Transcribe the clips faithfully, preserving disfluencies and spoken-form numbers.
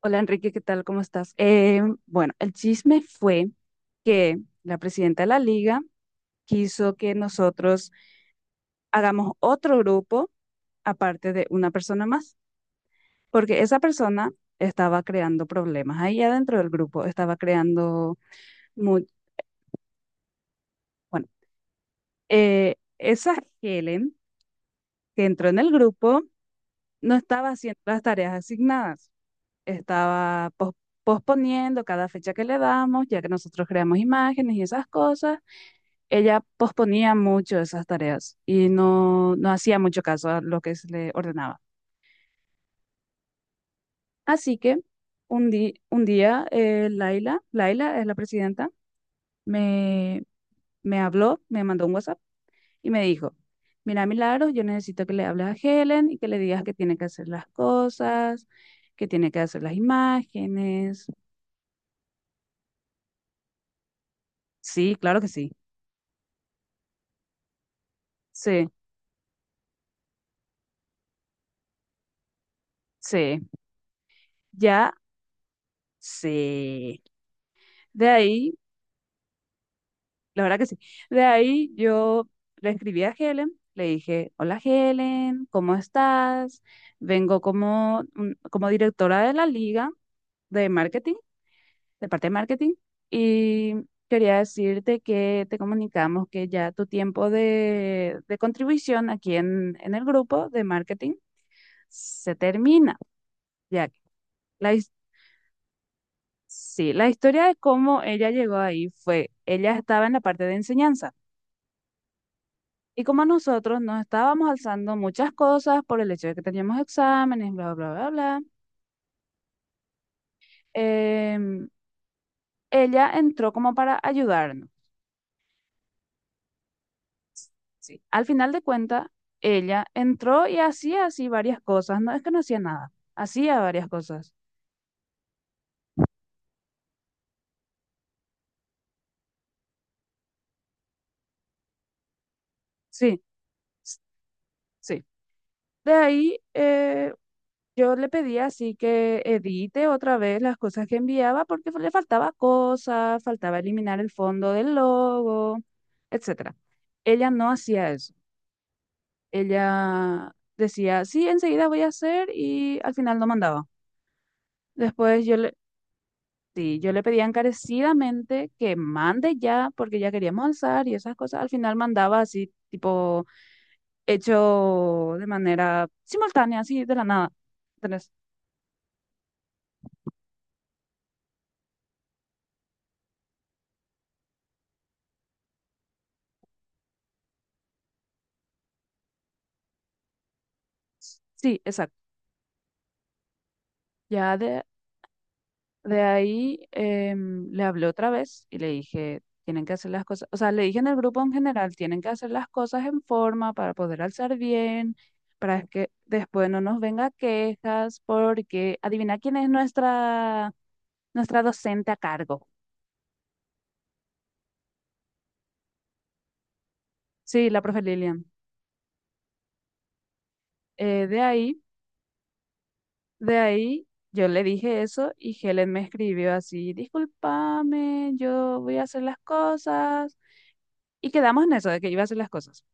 Hola Enrique, ¿qué tal? ¿Cómo estás? Eh, bueno, el chisme fue que la presidenta de la liga quiso que nosotros hagamos otro grupo aparte de una persona más, porque esa persona estaba creando problemas ahí adentro del grupo, estaba creando mu- bueno, eh, esa Helen que entró en el grupo no estaba haciendo las tareas asignadas, estaba pos- posponiendo cada fecha que le damos, ya que nosotros creamos imágenes y esas cosas, ella posponía mucho esas tareas y no, no hacía mucho caso a lo que se le ordenaba. Así que un, di- un día eh, Laila, Laila es la presidenta, me, me habló, me mandó un WhatsApp y me dijo, mira, Milagros, yo necesito que le hables a Helen y que le digas que tiene que hacer las cosas, que tiene que hacer las imágenes. Sí, claro que sí. Sí, sí, ya sí. De ahí, la verdad que sí. De ahí yo le escribí a Helen, le dije, hola Helen, ¿cómo estás? Vengo como, mm, como directora de la liga de marketing, de parte de marketing. Y quería decirte que te comunicamos que ya tu tiempo de, de contribución aquí en, en el grupo de marketing se termina, ya que la, his- sí, la historia de cómo ella llegó ahí fue, ella estaba en la parte de enseñanza. Y como nosotros nos estábamos alzando muchas cosas por el hecho de que teníamos exámenes, bla, bla, bla, bla, em, ella entró como para ayudarnos. Sí. Al final de cuentas, ella entró y hacía así varias cosas. No es que no hacía nada, hacía varias cosas. Sí, s- sí. De ahí eh, yo le pedí así que edite otra vez las cosas que enviaba porque le faltaba cosas, faltaba eliminar el fondo del logo, etcétera. Ella no hacía eso. Ella decía, sí, enseguida voy a hacer y al final no mandaba. Después yo le, Sí, yo le pedía encarecidamente que mande ya, porque ya queríamos alzar y esas cosas. Al final mandaba así, tipo, hecho de manera simultánea, así de la nada. ¿Entendés? Sí, exacto. Ya de, de ahí em, le hablé otra vez y le dije, tienen que hacer las cosas, o sea, le dije en el grupo en general, tienen que hacer las cosas en forma para poder alzar bien, para que después no nos venga quejas, porque adivina quién es nuestra, nuestra docente a cargo. Sí, la profe Lilian. Eh, de ahí, de ahí, yo le dije eso y Helen me escribió así, discúlpame, yo voy a hacer las cosas. Y quedamos en eso, de que iba a hacer las cosas.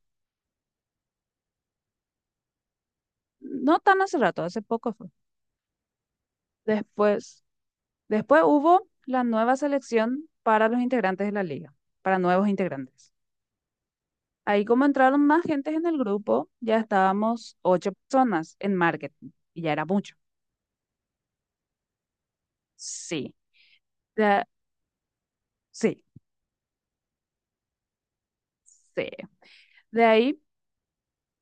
No tan hace rato, hace poco fue. Después, después hubo la nueva selección para los integrantes de la liga, para nuevos integrantes. Ahí como entraron más gentes en el grupo, ya estábamos ocho personas en marketing y ya era mucho. Sí, de- sí, sí. De ahí...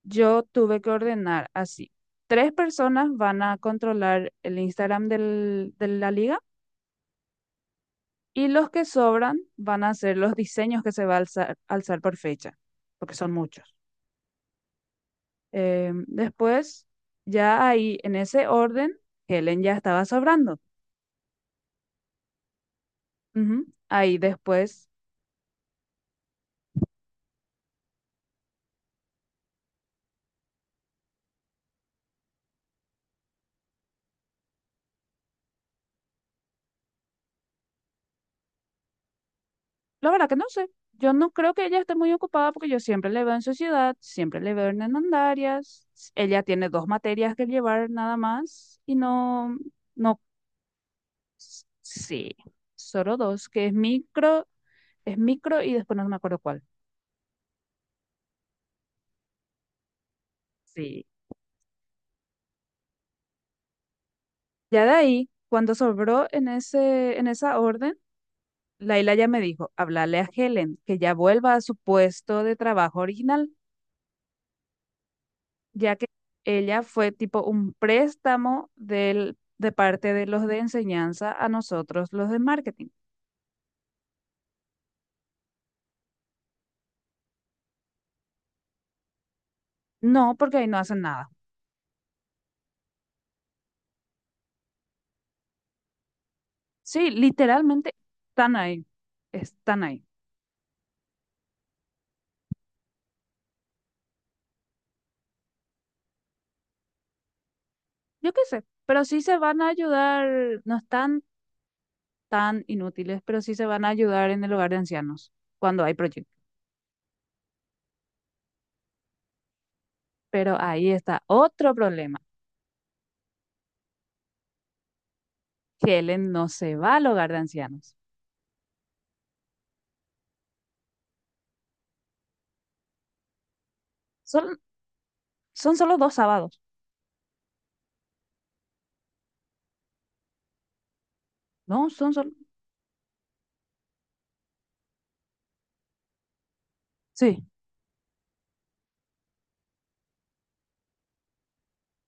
Yo tuve que ordenar así. Tres personas van a controlar el Instagram del- de la liga y los que sobran van a hacer los diseños que se va a alzar, alzar por fecha, porque son muchos. Eh, después, ya ahí en ese orden, Helen ya estaba sobrando. Ujú. Ahí después, la verdad que no sé. Yo no creo que ella esté muy ocupada porque yo siempre le veo en sociedad, siempre le veo en Hernandarias. Ella tiene dos materias que llevar nada más y no... No, sí, solo dos, que es micro, es micro y después no me acuerdo cuál. Sí. Ya de ahí, cuando sobró en ese, en esa orden, Laila ya me dijo, hablarle a Helen que ya vuelva a su puesto de trabajo original, ya que ella fue tipo un préstamo del, de parte de los de enseñanza a nosotros, los de marketing. No, porque ahí no hacen nada. Sí, literalmente están ahí, están ahí. Yo qué sé, pero sí se van a ayudar, no están tan inútiles, pero sí se van a ayudar en el hogar de ancianos cuando hay proyectos. Pero ahí está otro problema, que Helen no se va al hogar de ancianos. Son, son solo dos sábados, ¿no? Son solo... Sí,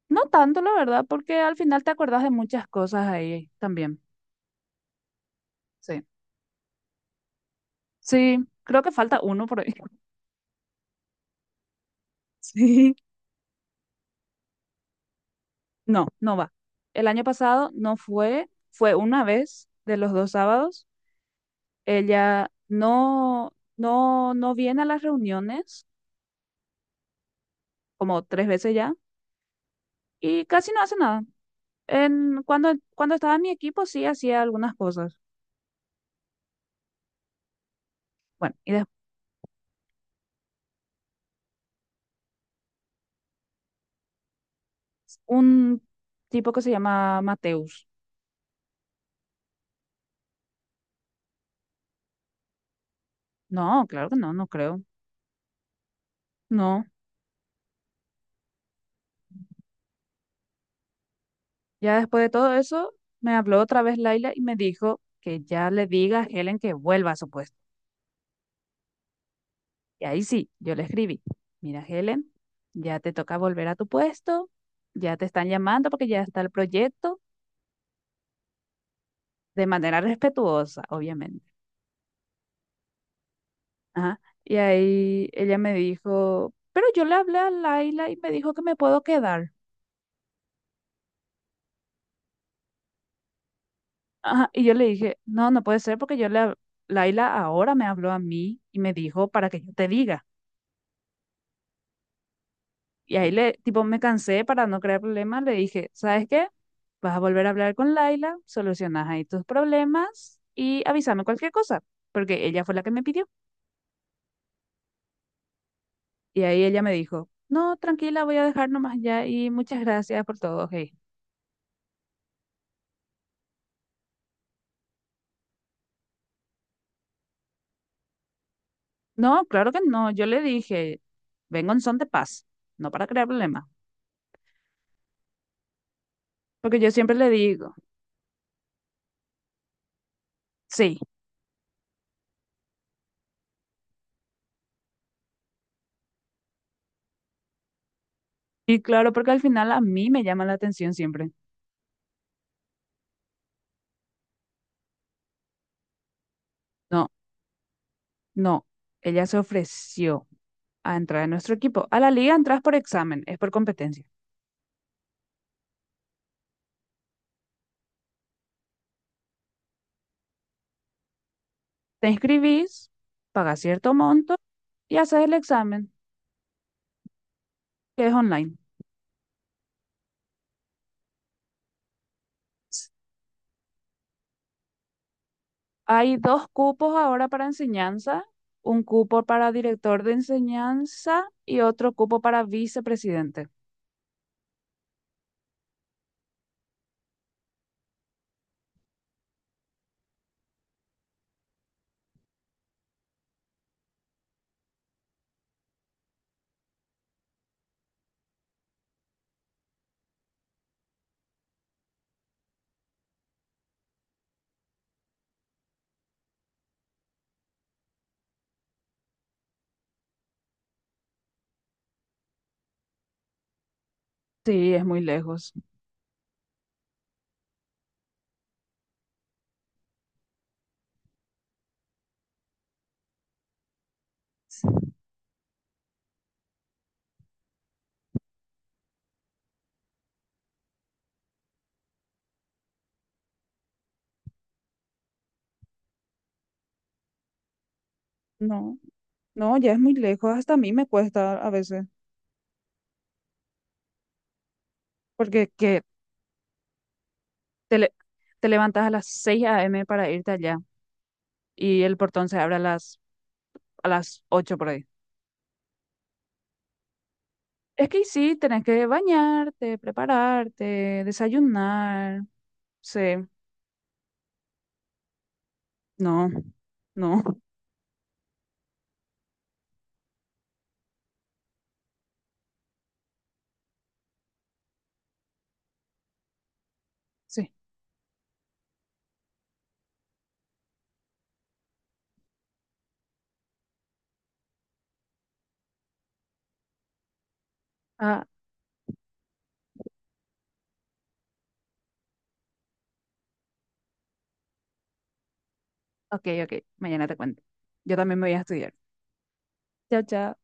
no tanto, la verdad, porque al final te acordás de muchas cosas ahí también. Sí. Sí, creo que falta uno por ahí. Sí. No, no va. El año pasado no fue, fue una vez de los dos sábados. Ella no, no, no viene a las reuniones como tres veces ya y casi no hace nada. En, cuando, cuando estaba en mi equipo sí hacía algunas cosas. Bueno, y después un tipo que se llama Mateus. No, claro que no, no creo. No. Ya después de todo eso, me habló otra vez Laila y me dijo que ya le diga a Helen que vuelva a su puesto. Y ahí sí, yo le escribí, mira Helen, ya te toca volver a tu puesto, ya te están llamando porque ya está el proyecto, de manera respetuosa, obviamente. Ajá. Y ahí ella me dijo, pero yo le hablé a Laila y me dijo que me puedo quedar. Ajá. Y yo le dije, no, no puede ser porque yo le, hab- Laila ahora me habló a mí y me dijo para que yo te diga. Y ahí le, tipo, me cansé para no crear problemas, le dije, ¿sabes qué? Vas a volver a hablar con Laila, solucionas ahí tus problemas y avísame cualquier cosa, porque ella fue la que me pidió. Y ahí ella me dijo, no, tranquila, voy a dejar nomás ya y muchas gracias por todo, hey. No, claro que no. Yo le dije, vengo en son de paz, no para crear problemas. Porque yo siempre le digo, sí. Y claro, porque al final a mí me llama la atención siempre. No, no. Ella se ofreció a entrar en nuestro equipo. A la liga entras por examen, es por competencia. Te inscribís, pagas cierto monto y haces el examen, que es online. Hay dos cupos ahora para enseñanza, un cupo para director de enseñanza y otro cupo para vicepresidente. Sí, es muy lejos. No, no, ya es muy lejos, hasta a mí me cuesta a veces, porque Que te, le- te levantas a las seis a. m. para irte allá y el portón se abre a las, a las ocho por ahí. Es que sí, tenés que bañarte, prepararte, desayunar. Sí, no, no, sí. Ah, ok, ok, mañana te cuento. Yo también me voy a estudiar. Chao, chao.